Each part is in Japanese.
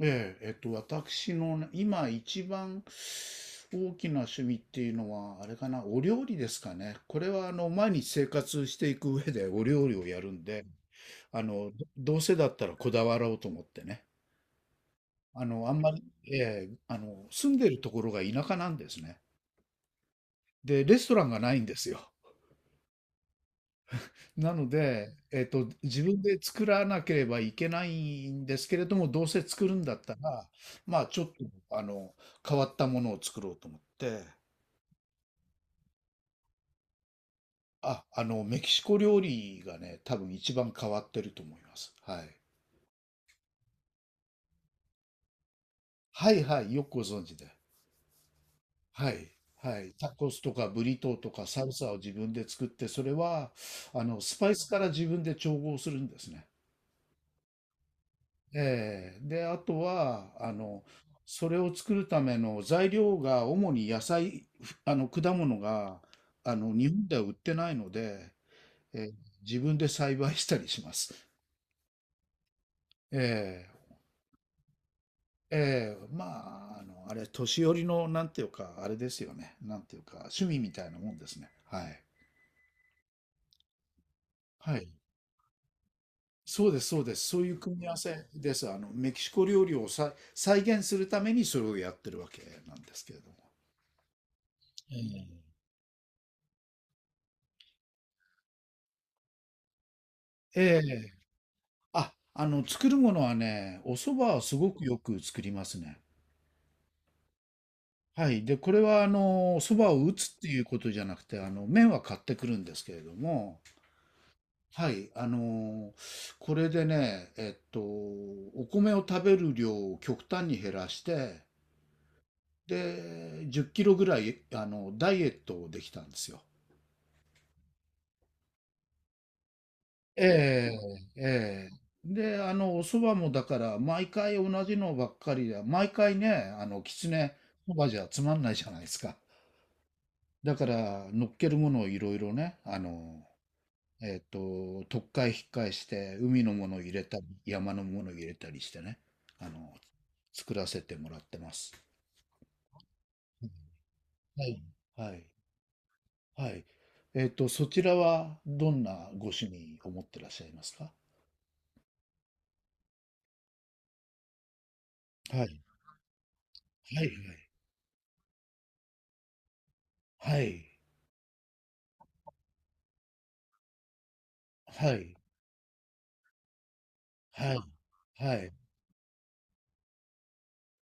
ええ、私のね今一番大きな趣味っていうのは、あれかな、お料理ですかね。これは、毎日生活していく上でお料理をやるんで、どうせだったらこだわろうと思ってね。あの、あんまり、ええ、住んでるところが田舎なんですね。で、レストランがないんですよ。なので、自分で作らなければいけないんですけれども、どうせ作るんだったら、まあ、ちょっと、あの、変わったものを作ろうと思って、メキシコ料理がね、多分一番変わってると思います。はい。はいはい、よくご存知で。はい。はい。タコスとかブリトーとかサルサを自分で作って、それは、スパイスから自分で調合するんですね。で、あとは、それを作るための材料が主に野菜、ふあの、果物が、日本では売ってないので、ええ自分で栽培したりします。ええ。ええ、まあ、あの、あれ、年寄りの、なんていうか、あれですよね。なんていうか、趣味みたいなもんですね。はい。はい。そうです、そうです。そういう組み合わせです。メキシコ料理をさ、再現するためにそれをやってるわけなんですけれども。ええ。ええ作るものはね、お蕎麦はすごくよく作りますね。はい。で、これは、お蕎麦を打つっていうことじゃなくて、麺は買ってくるんですけれども、はい、これでね、お米を食べる量を極端に減らして、で、10キロぐらい、ダイエットをできたんですよ。ええ、ええ。で、お蕎麦もだから、毎回同じのばっかりで、毎回ね、あの、きつね、そばじゃつまんないじゃないですか。だから、乗っけるものをいろいろね、とっかえひっかえして、海のものを入れたり、山のものを入れたりしてね、あの、作らせてもらってます。はい。はい。はい。そちらはどんなご趣味を持ってらっしゃいますか？はい。はい。はい。はい。はい。はい。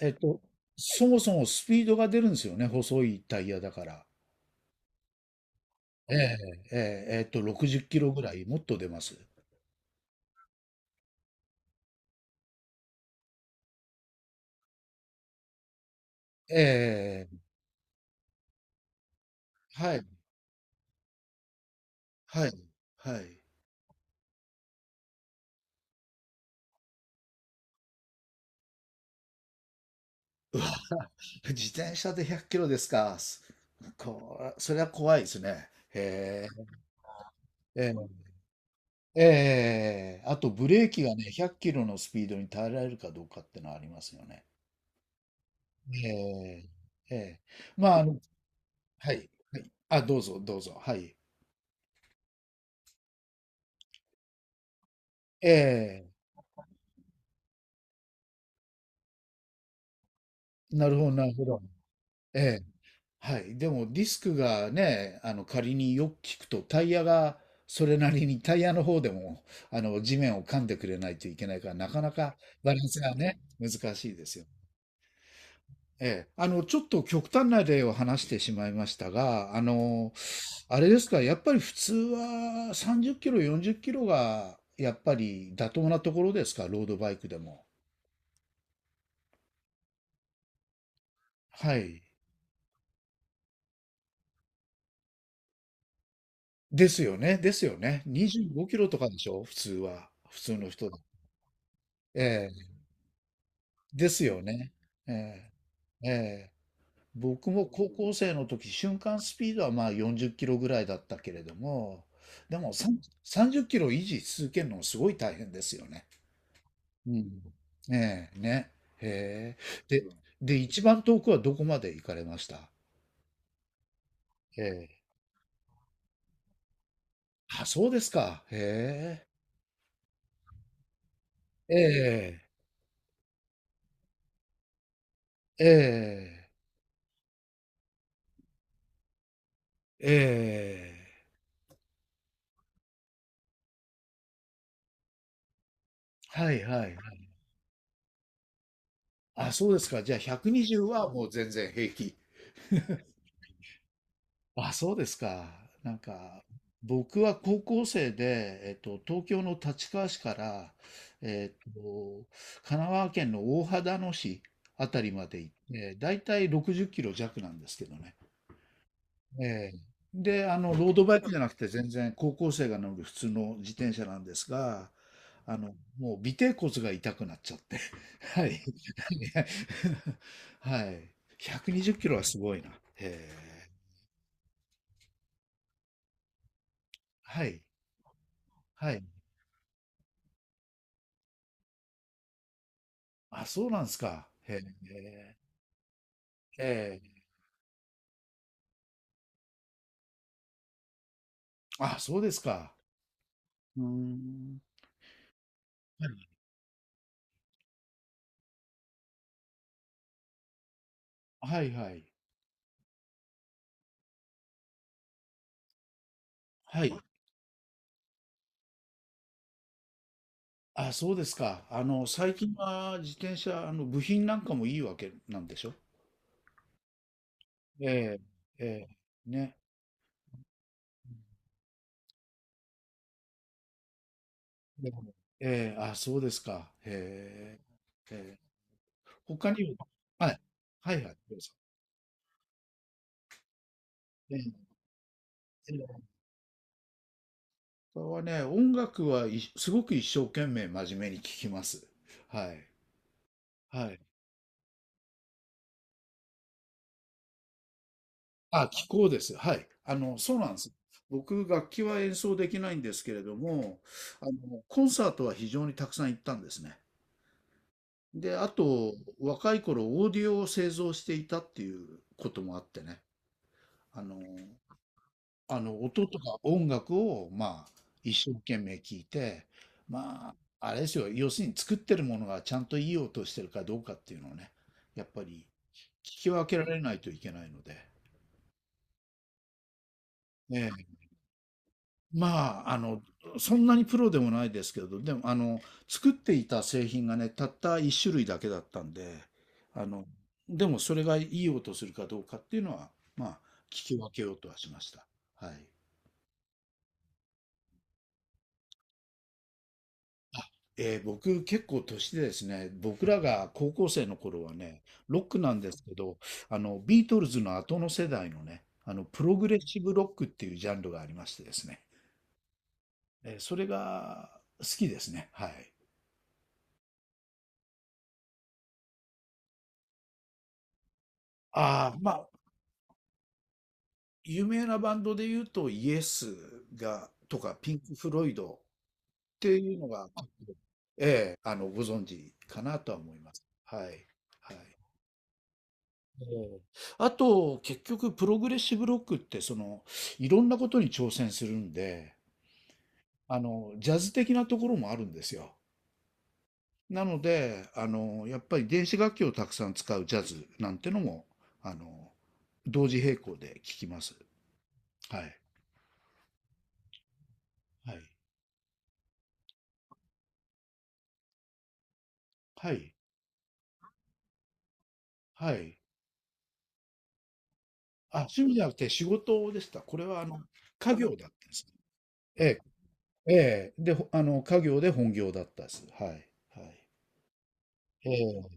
えっと、そもそもスピードが出るんですよね、細いタイヤだから。ええ、ええ、60キロぐらい、もっと出ます。ええ、はい。はい。はい。自転車で100キロですか。それは怖いですね。へえ。ええ。えあとブレーキがね、100キロのスピードに耐えられるかどうかってのはありますよね。ええ。ええ。まあ、あの、はい。はい。あ、どうぞ、どうぞ。はい。ええ。なるほど、なるほど。ええ。はい。でもディスクがね、あの仮によく聞くとタイヤがそれなりにタイヤの方でもあの地面を噛んでくれないといけないからなかなかバランスがね、難しいですよ。ええ。ちょっと極端な例を話してしまいましたが、あれですか、やっぱり普通は30キロ、40キロがやっぱり妥当なところですか、ロードバイクでも。はい。ですよね、ですよね。25キロとかでしょ、普通は。普通の人だ。ええ。ですよね。ええ、ええ。僕も高校生の時、瞬間スピードはまあ40キロぐらいだったけれども、でも30キロ維持し続けるのもすごい大変ですよね。うん。ええ、ね。へえ。で、で、一番遠くはどこまで行かれました？ええ。あ、そうですか。へえ。ええ、ええ、ええ。はいはいはい。あ、そうですか。じゃあ120はもう全然平気。あ、そうですか。なんか、僕は高校生で、東京の立川市から、えっと、神奈川県の大秦野市あたりまで行って、だいたい60キロ弱なんですけどね。ええで、ロードバイクじゃなくて全然高校生が乗る普通の自転車なんですが、もう尾てい骨が痛くなっちゃって。はい。はい。120キロはすごいな。ええ。はい。はい。あ、そうなんですか。へえ。ええ。あ、そうですか。うーん。はい。はいはい。はい。あ、そうですか。最近は自転車、部品なんかもいいわけなんでしょ？ええ、ええ、ね。ええ、ええ、あ、そうですか。へえ。ええ。他には、はい。はいはい、どうぞ。ええ、ええ。他はね、音楽はすごく一生懸命真面目に聴きます。はい。はい。あ、気候です。はい。そうなんです。僕、楽器は演奏できないんですけれども、コンサートは非常にたくさん行ったんですね。で、あと、若い頃、オーディオを製造していたっていうこともあってね。あの、音とか音楽を、まあ、一生懸命聞いて、まあ、あれですよ。要するに作ってるものがちゃんといい音してるかどうかっていうのをね、やっぱり聞き分けられないといけないので。えまあ、そんなにプロでもないですけど、でも、作っていた製品がね、たった一種類だけだったんで、あの、でもそれがいい音するかどうかっていうのは、まあ、聞き分けようとはしました。はい。僕結構年でですね、僕らが高校生の頃はね、ロックなんですけど、ビートルズの後の世代のね、プログレッシブロックっていうジャンルがありましてですね、それが好きですね。はい。ああ、まあ、有名なバンドで言うと、イエスとか、ピンク・フロイドっていうのが、ええ、ご存知かなとは思います。はい。はい。ええあと、結局、プログレッシブロックって、その、いろんなことに挑戦するんで、ジャズ的なところもあるんですよ。なので、やっぱり電子楽器をたくさん使うジャズなんてのも、あの、同時並行で聴きます。はい。はい。はい。はい。あ、趣味じゃなくて仕事でした。これはあの、家業だったんです。ええ、ええ、で、ほあの、家業で本業だったです。はい。はい。ええ、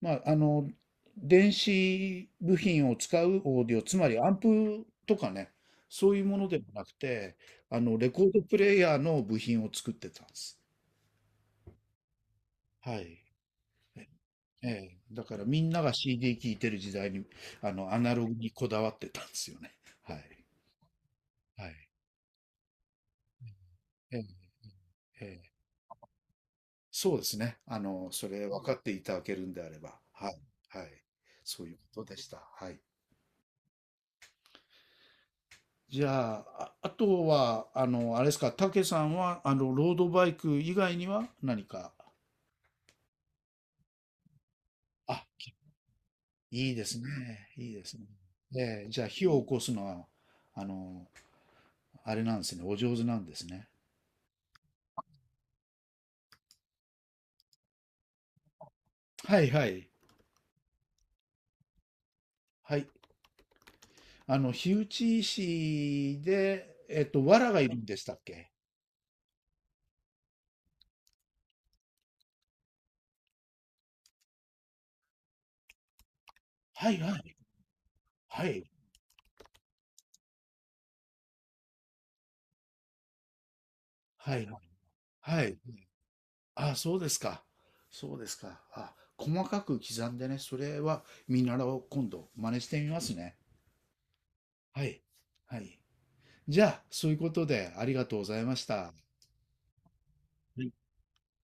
まあ、あの、電子部品を使うオーディオ、つまりアンプとかね、そういうものでもなくて、レコードプレイヤーの部品を作ってたんです。はい。ええ、だからみんなが CD 聴いてる時代に、アナログにこだわってたんですよね。はい。はい。ええ、ええ、そうですね。それ分かっていただけるんであれば。はい。はい。そういうことでした。はい。じゃあ、あ、あとは、あれですか、たけさんは、ロードバイク以外には何か。あ、いいですね。いいですね。ええ、じゃあ、火を起こすのは、あの、あれなんですね。お上手なんですね。はいはい。はい。火打ち石で、藁がいるんでしたっけ？はいはい。はい。はい。はい。あ、そうですか。そうですか。あ、細かく刻んでね、それは見習おう。今度、真似してみますね。はい。はい。じゃあ、そういうことでありがとうございました。